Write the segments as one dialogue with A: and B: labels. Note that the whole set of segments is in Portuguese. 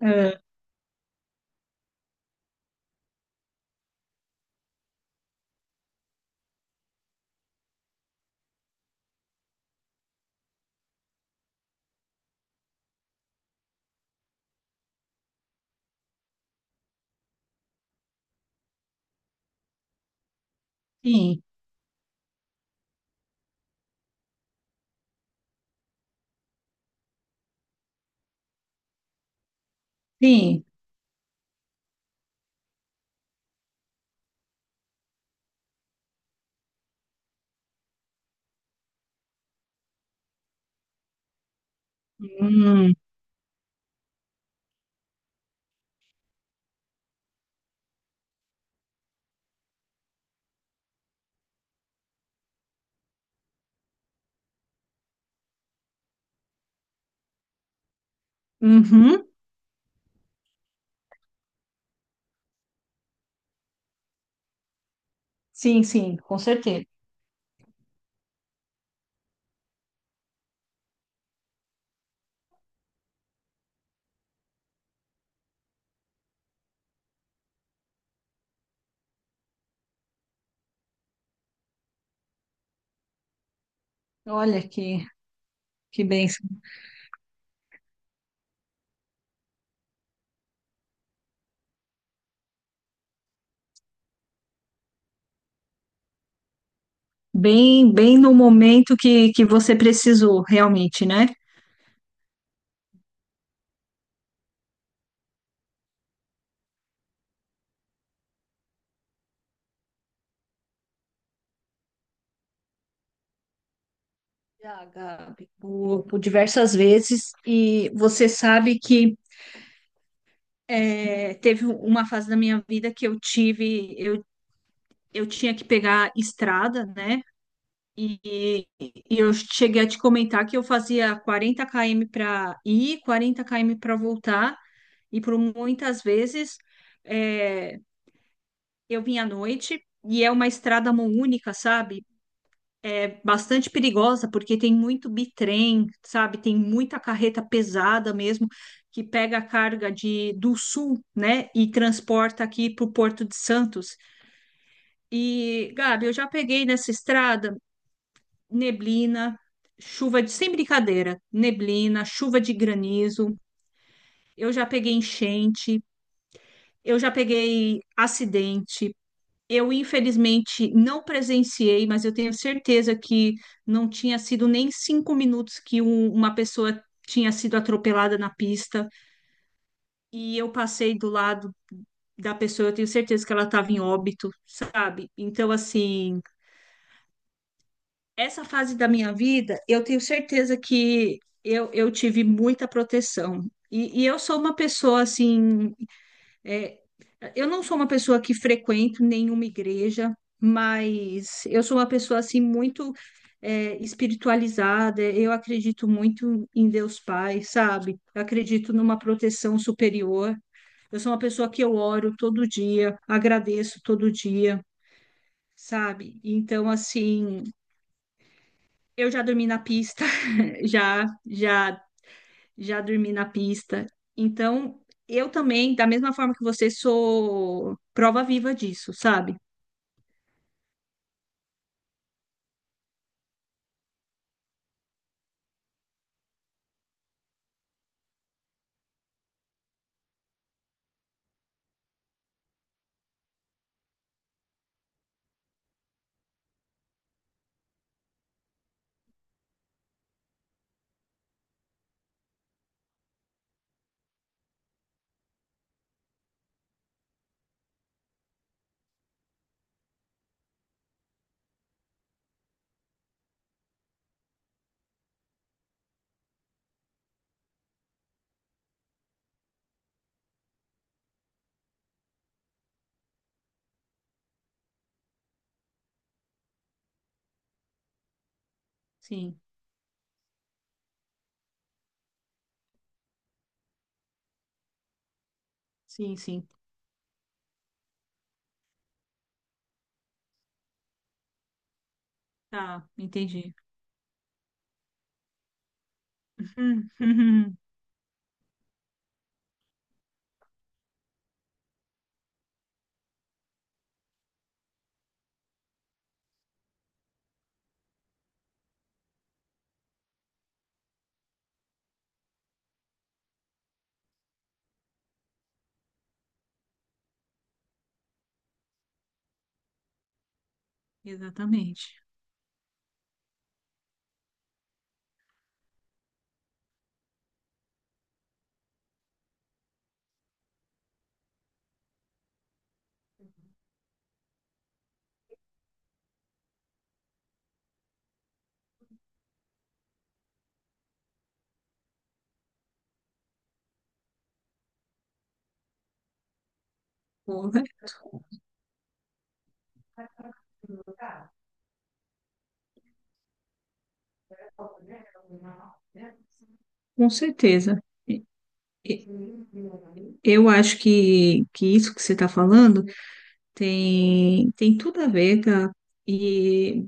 A: É, sim, sim. Hum, uhum. Sim, sim, com certeza. Olha que bênção. Bem, bem no momento que você precisou, realmente, né? Já, Gabi, por diversas vezes. E você sabe que teve uma fase da minha vida que eu tinha que pegar estrada, né? E eu cheguei a te comentar que eu fazia 40 km para ir, 40 km para voltar. E por muitas vezes é, eu vim à noite e é uma estrada mão única, sabe? É bastante perigosa porque tem muito bitrem, sabe? Tem muita carreta pesada mesmo que pega a carga de do sul, né? E transporta aqui para o Porto de Santos. E, Gabi, eu já peguei nessa estrada neblina, chuva de sem brincadeira, neblina, chuva de granizo. Eu já peguei enchente, eu já peguei acidente, eu, infelizmente, não presenciei, mas eu tenho certeza que não tinha sido nem cinco minutos que uma pessoa tinha sido atropelada na pista. E eu passei do lado da pessoa, eu tenho certeza que ela estava em óbito, sabe? Então, assim, essa fase da minha vida, eu tenho certeza que eu tive muita proteção. E eu sou uma pessoa, assim. É, eu não sou uma pessoa que frequento nenhuma igreja, mas eu sou uma pessoa assim muito espiritualizada. Eu acredito muito em Deus Pai, sabe? Eu acredito numa proteção superior. Eu sou uma pessoa que eu oro todo dia, agradeço todo dia, sabe? Então, assim, eu já dormi na pista, já, já, já dormi na pista. Então, eu também, da mesma forma que você, sou prova viva disso, sabe? Sim, sim, sim. Tá, entendi. Hum. Exatamente. Correto. Com certeza. E- Eu acho que isso que você está falando tem tudo a ver, tá? E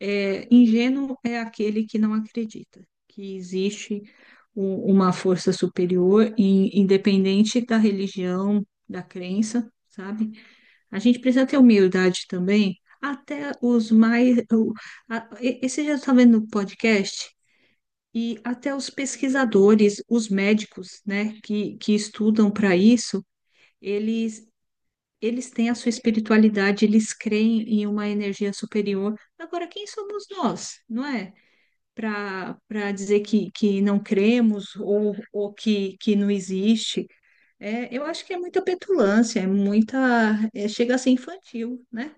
A: ingênuo é aquele que não acredita que existe uma força superior, independente da religião, da crença, sabe? A gente precisa ter humildade também, até os mais. Esse já está vendo no podcast, e até os pesquisadores, os médicos, né, que estudam para isso, eles, eles têm a sua espiritualidade, eles creem em uma energia superior. Agora, quem somos nós, não é? Para dizer que não cremos ou que não existe. Eu acho que é muita petulância, é muita, chega a ser infantil, né?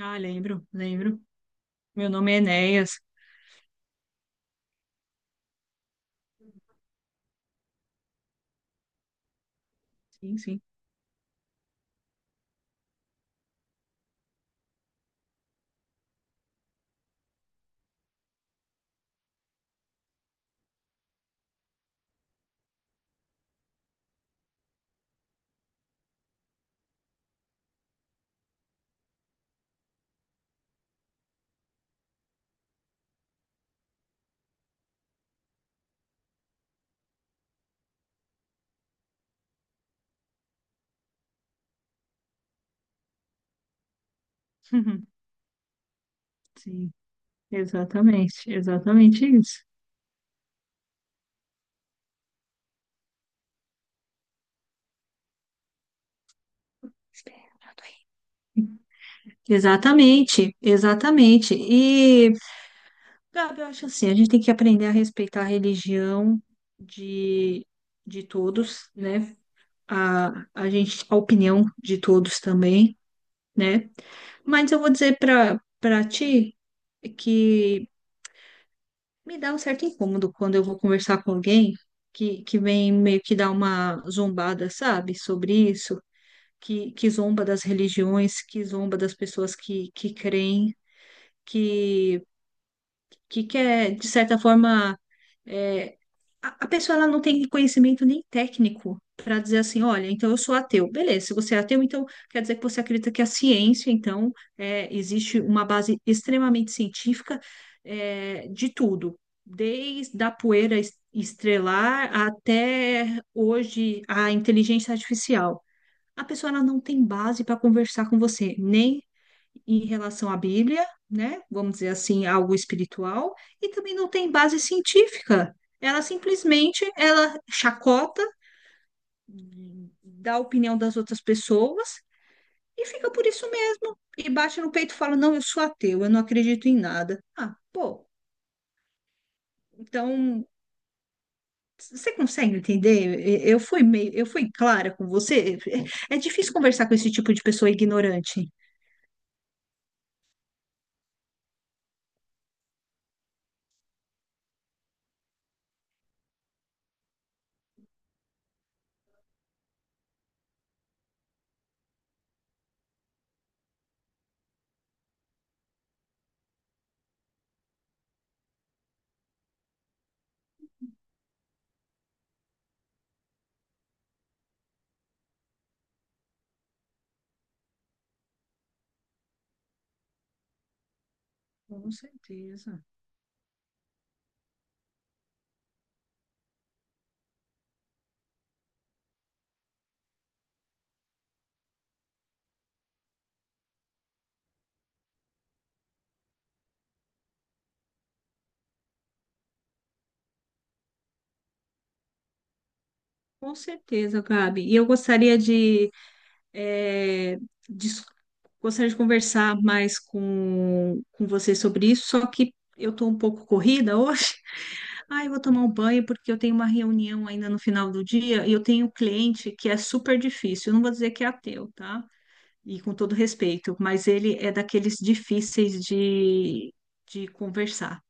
A: Ah, lembro, lembro. Meu nome é Enéas. Sim, sim. Sim, exatamente, exatamente isso. Exatamente, exatamente. E, Gabi, eu acho assim, a gente tem que aprender a respeitar a religião de, de todos, né? A gente, a opinião de todos também, né? Mas eu vou dizer para ti que me dá um certo incômodo quando eu vou conversar com alguém que vem meio que dar uma zombada, sabe, sobre isso, que zomba das religiões, que, zomba das pessoas que creem, que, que quer, de certa forma, eh, a pessoa ela não tem conhecimento nem técnico para dizer assim, olha, então eu sou ateu. Beleza, se você é ateu, então quer dizer que você acredita que a ciência, então, existe uma base extremamente científica, de tudo, desde a poeira estrelar até hoje a inteligência artificial. A pessoa ela não tem base para conversar com você, nem em relação à Bíblia, né? Vamos dizer assim, algo espiritual, e também não tem base científica. Ela simplesmente ela chacota da opinião das outras pessoas e fica por isso mesmo. E bate no peito e fala: "Não, eu sou ateu, eu não acredito em nada". Ah, pô. Então, você consegue entender? Eu fui clara com você. É difícil conversar com esse tipo de pessoa ignorante. Com certeza. Com certeza, Gabi. E eu gostaria eh, dis- gostaria de conversar mais com você sobre isso, só que eu estou um pouco corrida hoje. Ai, eu vou tomar um banho porque eu tenho uma reunião ainda no final do dia e eu tenho um cliente que é super difícil. Eu não vou dizer que é ateu, tá? E com todo respeito, mas ele é daqueles difíceis de conversar.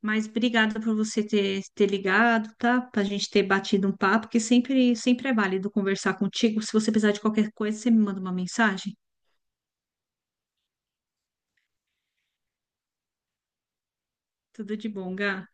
A: Mas obrigada por você ter ligado, tá? Pra gente ter batido um papo, que sempre, sempre é válido conversar contigo. Se você precisar de qualquer coisa, você me manda uma mensagem. Tudo de bom, Gá.